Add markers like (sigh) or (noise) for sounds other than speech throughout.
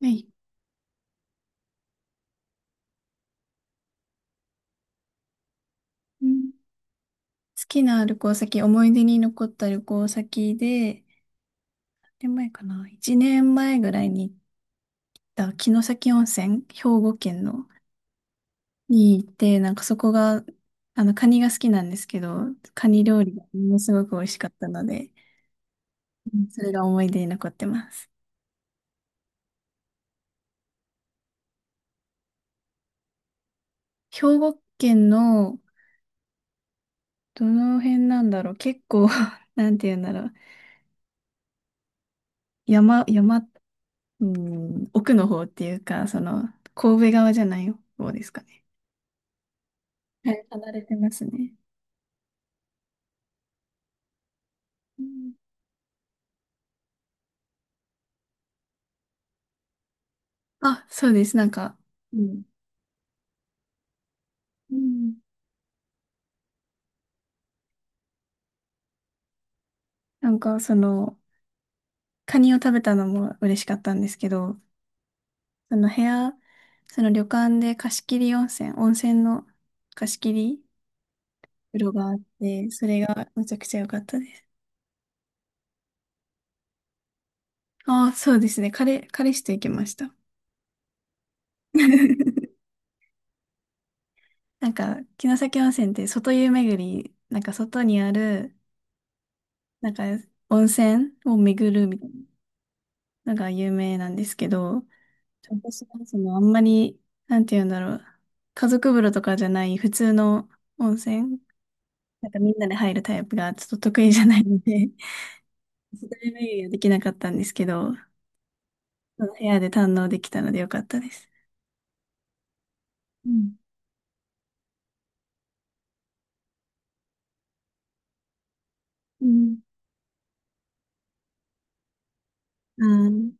はい。うん好きな旅行先、思い出に残った旅行先で、何年前かな？ 1 年前ぐらいに行った城崎温泉、兵庫県の、に行って、そこが、カニが好きなんですけど、カニ料理がものすごく美味しかったので、うんそれが思い出に残ってます。兵庫県の、どの辺なんだろう。結構 (laughs) なんて言うんだろう。山、うん、奥の方っていうか、その、神戸側じゃない方ですかね。はい、離れてますね。うん。あ、そうです。なんか、うん。うん。なんかその、カニを食べたのも嬉しかったんですけど、その部屋、その旅館で貸し切り温泉、温泉の貸し切り風呂があって、それがめちゃくちゃ良かったです。ああ、そうですね。彼氏と行きました。(laughs) なんか、城崎温泉って外湯巡り、なんか外にある、なんか温泉を巡るみたいなのが有名なんですけど、私はそのあんまり、なんて言うんだろう。家族風呂とかじゃない普通の温泉、なんかみんなで入るタイプがちょっと得意じゃないので、(laughs) 一人目はできなかったんですけど、その部屋で堪能できたのでよかったです。うん。うん。あー。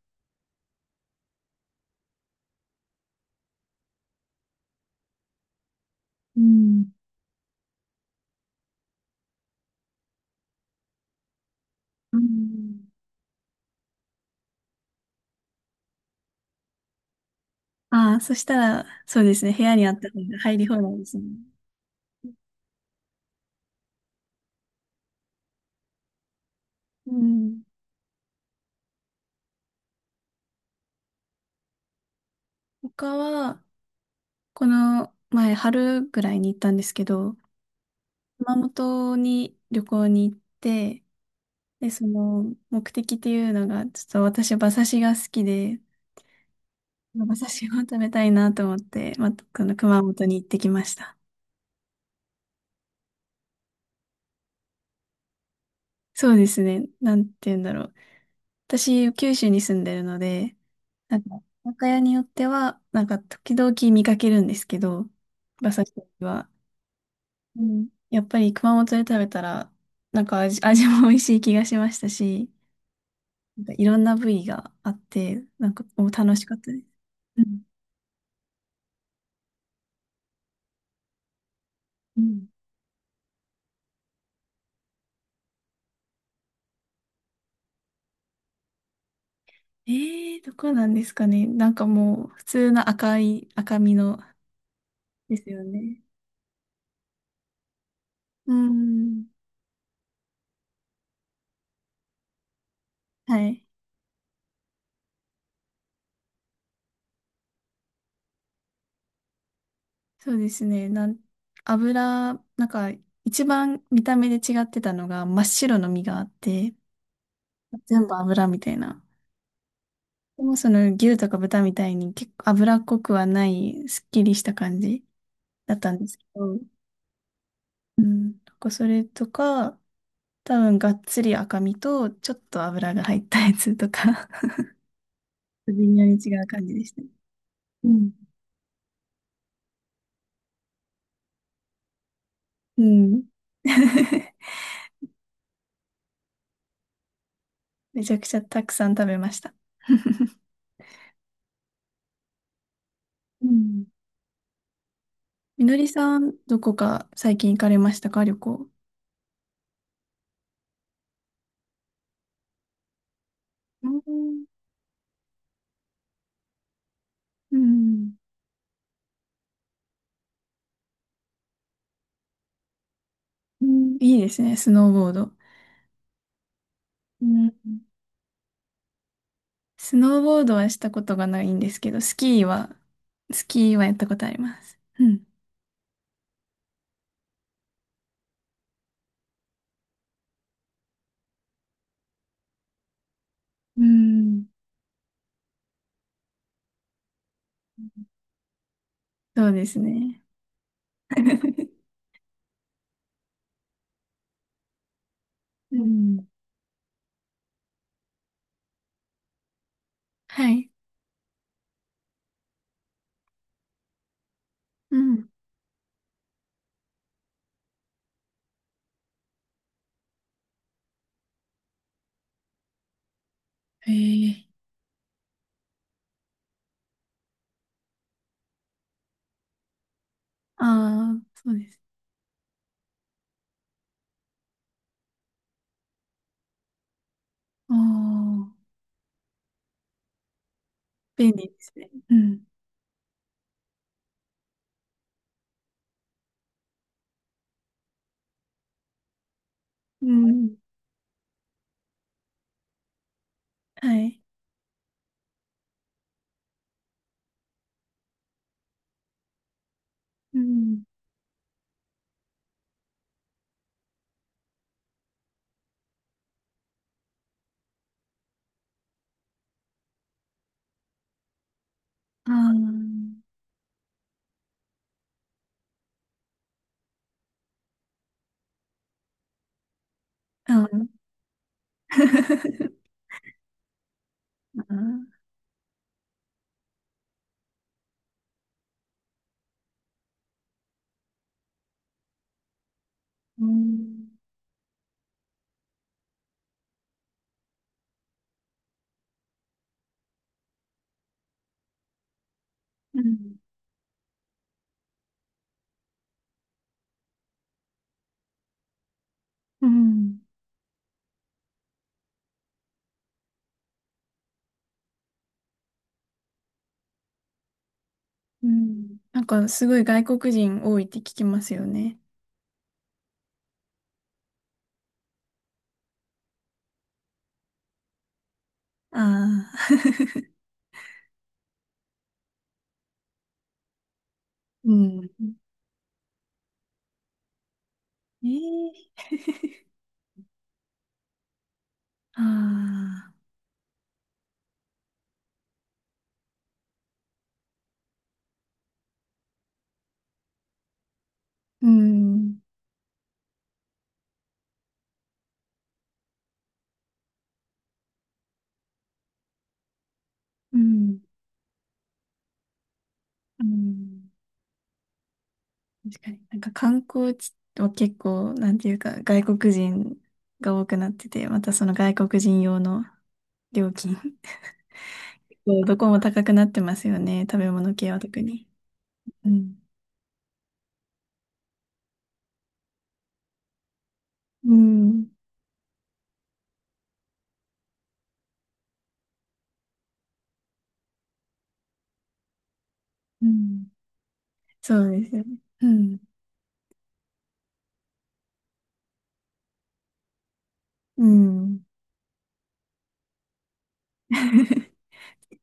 うんうん。ああ、そしたら、そうですね。部屋にあった方が入り放題ですね。うん。他は、この前、春ぐらいに行ったんですけど、熊本に旅行に行って、で、その目的っていうのが、ちょっと私馬刺しが好きで、馬刺しを食べたいなと思って、また、この熊本に行ってきました。そうですね。なんて言うんだろう。私、九州に住んでるので、なんか、居酒屋によっては、なんか、時々見かけるんですけど、馬刺しは。うん、やっぱり熊本で食べたら、なんか味も美味しい気がしましたし、なんかいろんな部位があって、なんか、お楽しかったです。うんうん。ええー、どこなんですかね。なんかもう、普通の赤い、赤身のですよね。うん。はい。そうですね。油、なんか、一番見た目で違ってたのが、真っ白の身があって、全部油みたいな。でもその牛とか豚みたいに結構脂っこくはない、すっきりした感じだったんですけど、うん。なんかそれとか、多分がっつり赤身と、ちょっと油が入ったやつとか、(laughs) 微妙に違う感じでしたね。うん。うん。(laughs) めちゃくちゃたくさん食べました。(laughs) うん。みのりさん、どこか最近行かれましたか、旅行。うんうん。うん、いいですね、スノーボード。うん。スノーボードはしたことがないんですけど、スキーはやったことあります。うん。うん。そうですね。(laughs) うん。はい。うん。へえ。ああ、そうです。あ、便利ですね。うん。うん。はい。うん。ああー。(laughs) ああ。うん。うん。うん。うん、なんかすごい外国人多いって聞きますよね。ああ。(laughs) うん。ええ。ああ。うん。うん。うん。確かに。なんか観光地は結構、なんていうか、外国人が多くなってて、またその外国人用の料金、(laughs) どこも高くなってますよね。食べ物系は特に。うん。うん。うん。そうですよね。うん。うん。(laughs)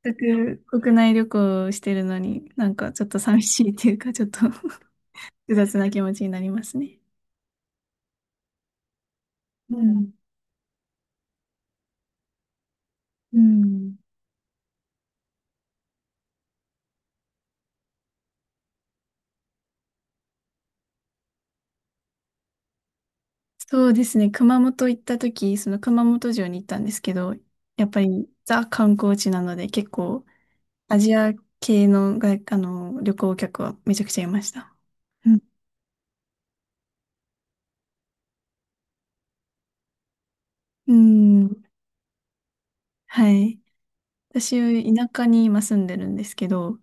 せっかく国内旅行をしてるのに、なんかちょっと寂しいっていうか、ちょっと (laughs) 複雑な気持ちになりますね。うん。うん。そうですね。熊本行った時、その熊本城に行ったんですけど、やっぱりザ観光地なので、結構アジア系の外、あの、旅行客はめちゃくちゃいました。うん。うん。はい。私、田舎に今住んでるんですけど、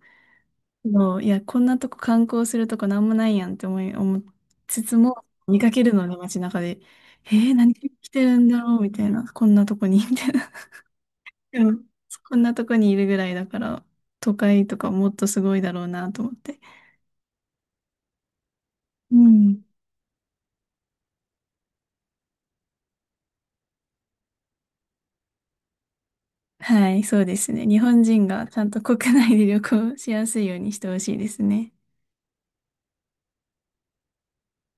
もういや、こんなとこ観光するとこなんもないやんって思いつつも、見かけるので、街中で。えー、何来てるんだろうみたいな。こんなとこに、みたいな。でも、こんなとこにいるぐらいだから、都会とかもっとすごいだろうなと思って。うん。はい、そうですね。日本人がちゃんと国内で旅行しやすいようにしてほしいですね。